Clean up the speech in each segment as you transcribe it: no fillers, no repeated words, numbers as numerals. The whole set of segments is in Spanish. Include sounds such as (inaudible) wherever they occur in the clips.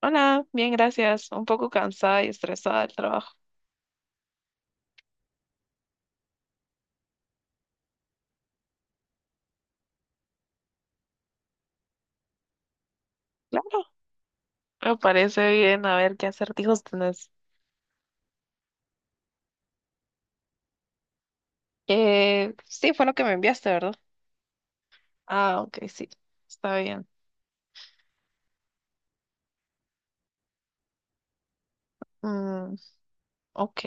Hola, bien, gracias. Un poco cansada y estresada del trabajo. Claro, me parece bien. A ver qué acertijos tenés. Sí, fue lo que me enviaste, ¿verdad? Ah, ok, sí, está bien. Mm, ok,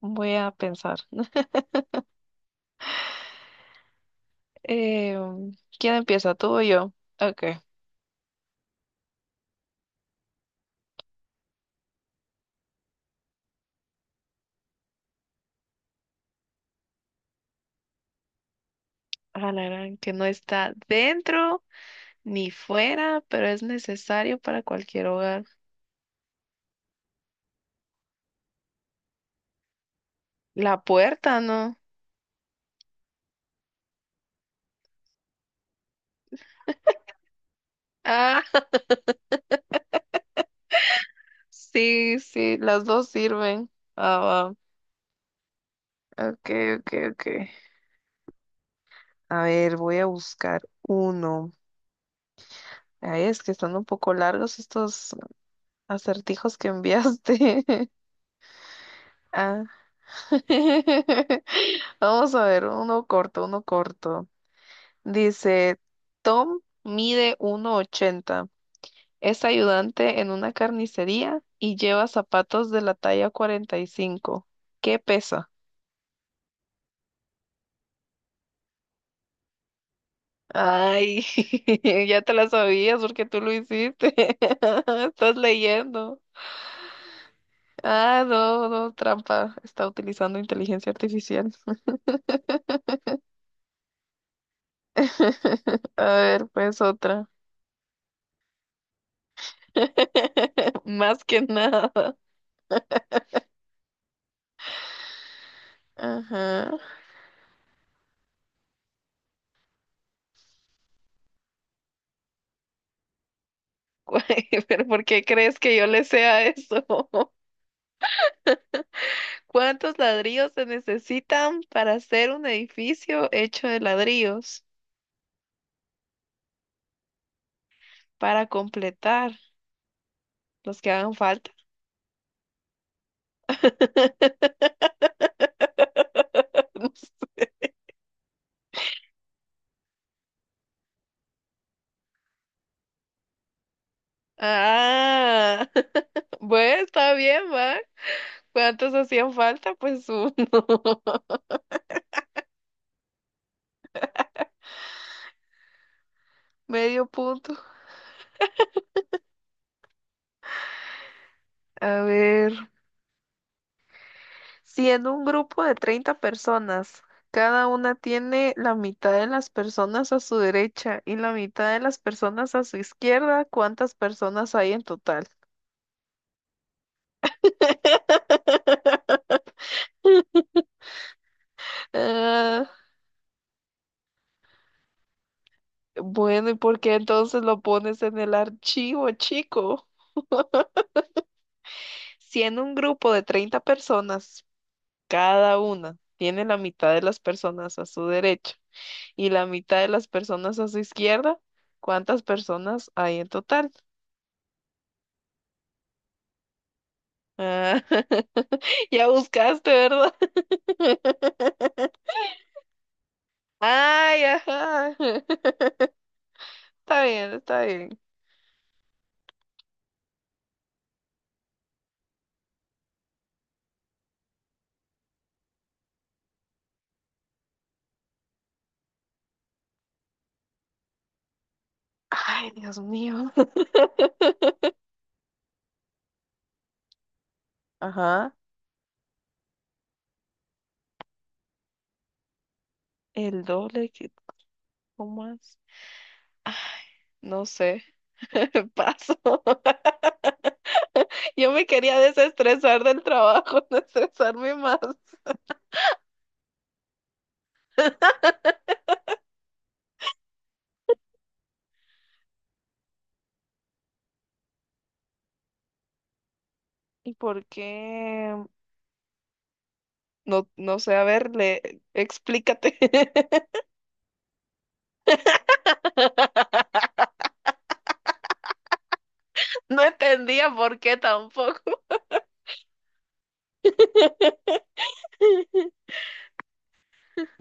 voy a pensar. Eh, ¿Quién empieza, tú o yo? Ok. Ah, la gran que no está dentro ni fuera, pero es necesario para cualquier hogar. La puerta, ¿no? Ah, (laughs) sí, sí, las dos sirven. Ah, va. Ok, ok, ok. A ver, voy a buscar uno. Ay, es que están un poco largos estos acertijos que enviaste. (laughs) Ah. (laughs) Vamos a ver, uno corto, uno corto. Dice, Tom mide 1,80. Es ayudante en una carnicería y lleva zapatos de la talla 45. ¿Qué pesa? Ay, (laughs) ya te la sabías porque tú lo hiciste. (laughs) Estás leyendo. Ah, no, no, trampa. Está utilizando inteligencia artificial. (laughs) A ver, pues otra. (laughs) Más que nada. Ajá. Güey, (laughs) pero ¿por qué crees que yo le sea eso? (laughs) ¿Cuántos ladrillos se necesitan para hacer un edificio hecho de ladrillos? Para completar los que hagan falta. (laughs) Ah, (laughs) bueno, está bien, Mac. ¿Cuántos hacían falta? Pues uno. (laughs) Medio punto. A ver, si en un grupo de 30 personas, cada una tiene la mitad de las personas a su derecha y la mitad de las personas a su izquierda, ¿cuántas personas hay en total? (laughs) Ah, bueno, ¿y por qué entonces lo pones en el archivo, chico? Si en un grupo de 30 personas, cada una tiene la mitad de las personas a su derecha y la mitad de las personas a su izquierda, ¿cuántas personas hay en total? Ah, (laughs) ya buscaste, ¿verdad? Ay, ajá. (laughs) Está bien, está bien. Ay, Dios mío. (laughs) Ajá. El doble que ¿cómo es? No sé. (laughs) Paso. (laughs) Yo me quería desestresar del trabajo, (laughs) no estresarme más. ¿Y por qué? No, no sé, a ver, explícate. (laughs) No entendía por qué tampoco. (laughs)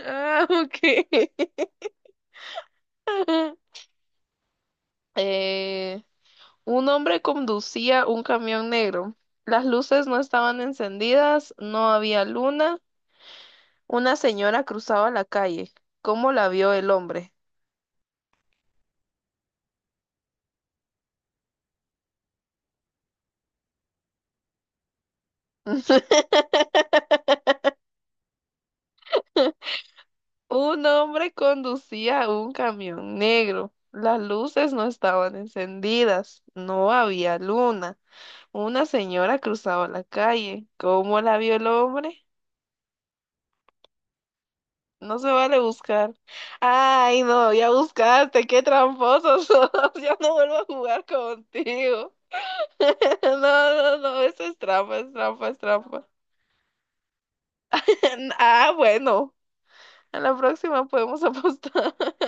Ah, ok. (laughs) Eh, Un hombre conducía un camión negro. Las luces no estaban encendidas, no había luna. Una señora cruzaba la calle. ¿Cómo la vio el hombre? (laughs) Un hombre conducía un camión negro. Las luces no estaban encendidas, no había luna. Una señora cruzaba la calle. ¿Cómo la vio el hombre? No se vale buscar. Ay, no, ya buscaste, qué tramposos sos. (laughs) Ya no vuelvo a jugar contigo. (laughs) No, no, no, eso es trampa, es trampa, es trampa. (laughs) Ah, bueno, a la próxima podemos apostar. (laughs)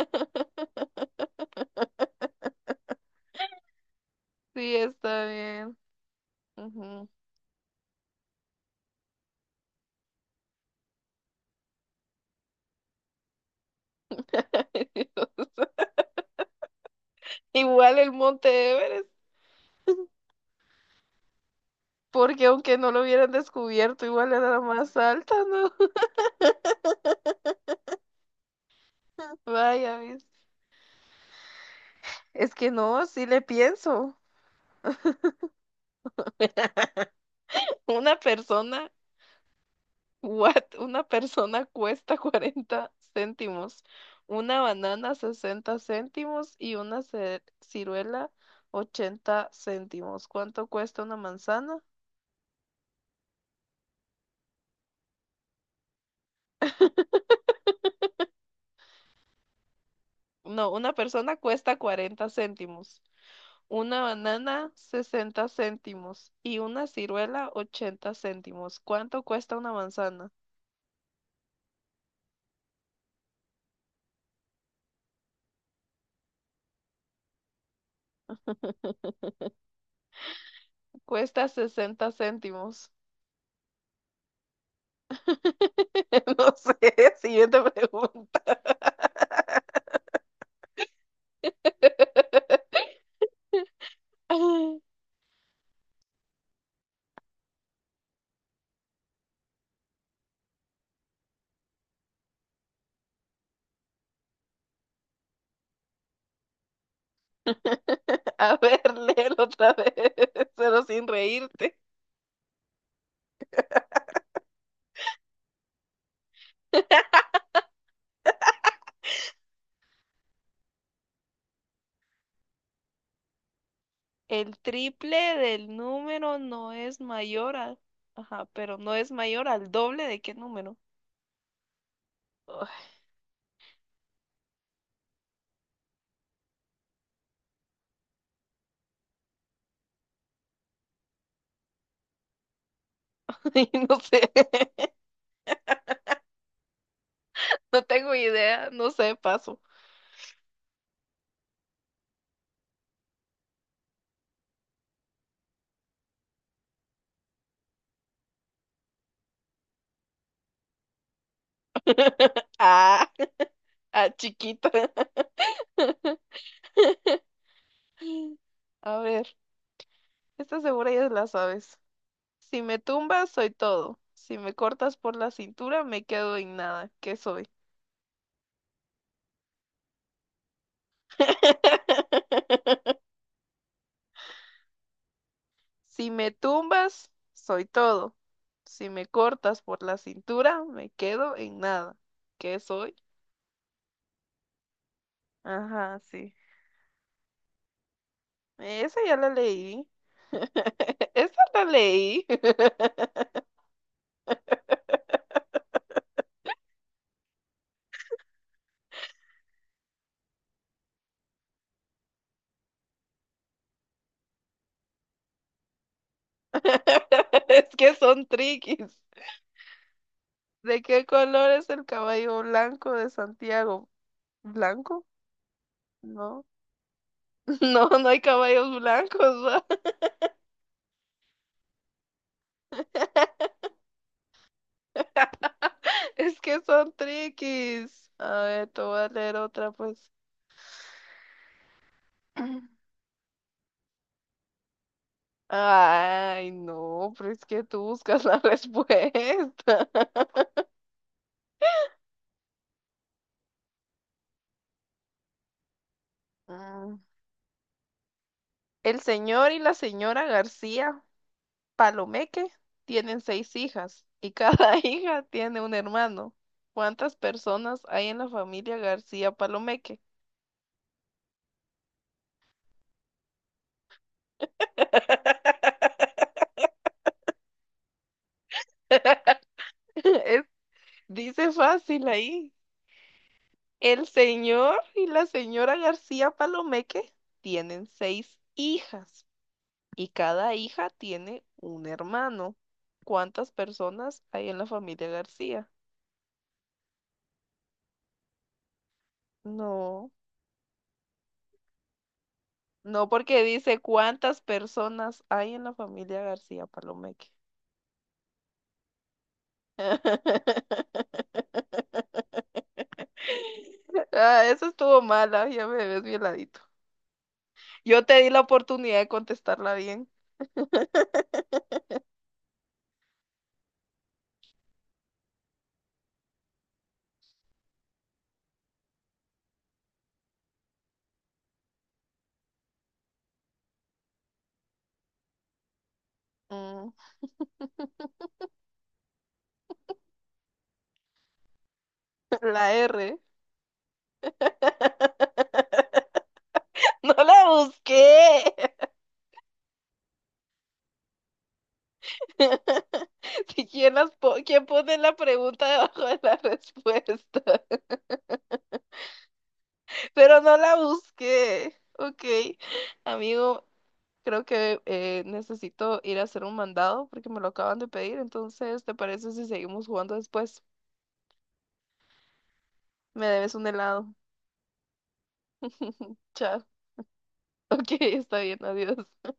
Sí, está bien. Ujú. (laughs) Igual el Monte Everest, porque aunque no lo hubieran descubierto, igual era la más alta, ¿no? (laughs) Vaya, ¿ves? Es que no, sí le pienso. Una persona. What? Una persona cuesta (laughs) 40 céntimos, una banana 60 céntimos y una ciruela 80 céntimos. ¿Cuánto cuesta una manzana? No, una persona cuesta 40 céntimos, una banana 60 céntimos y una ciruela 80 céntimos. ¿Cuánto cuesta una manzana? Cuesta 60 céntimos. (laughs) No sé, siguiente pregunta. (laughs) (laughs) A ver, léelo otra vez, (laughs) pero sin reírte. El triple del número no es mayor a... Ajá, pero no es mayor al doble de qué número. Ay, (laughs) no sé, (laughs) no tengo idea, no sé, paso. Ah, ah, chiquita. (laughs) A ver, esta segura ya la sabes. Si me tumbas, soy todo. Si me cortas por la cintura, me quedo en nada. ¿Qué soy? (laughs) Si me tumbas, soy todo. Si me cortas por la cintura, me quedo en nada. ¿Qué soy? Ajá, sí. Esa ya la leí. (laughs) Esa la leí. (laughs) Es que son triquis. ¿De qué color es el caballo blanco de Santiago? ¿Blanco? No. (laughs) No, no hay caballos blancos, ¿va? (laughs) Es que son triquis. A ver, te voy a leer otra, pues. (clears throat) Ay, no, pero es que tú buscas la (laughs) respuesta. Mm. El señor y la señora García Palomeque tienen seis hijas y cada (laughs) hija tiene un hermano. ¿Cuántas personas hay en la familia García Palomeque? (laughs) Es- Dice fácil ahí. El señor y la señora García Palomeque tienen seis hijas y cada hija tiene un hermano. ¿Cuántas personas hay en la familia García? No, no porque dice cuántas personas hay en la familia García Palomeque. (laughs) Ah, eso estuvo mala, ya me ves violadito. Yo te di la oportunidad de contestarla bien. Mm, (laughs) la R. (laughs) No la busqué. (laughs) Si ¿quién, las quién pone la pregunta debajo de la (laughs) respuesta? Pero no la busqué. Ok, amigo, creo que necesito ir a hacer un mandado porque me lo acaban de pedir. Entonces, ¿te parece si seguimos jugando después? Me debes un helado. Chao. (laughs) Ok, está bien, adiós.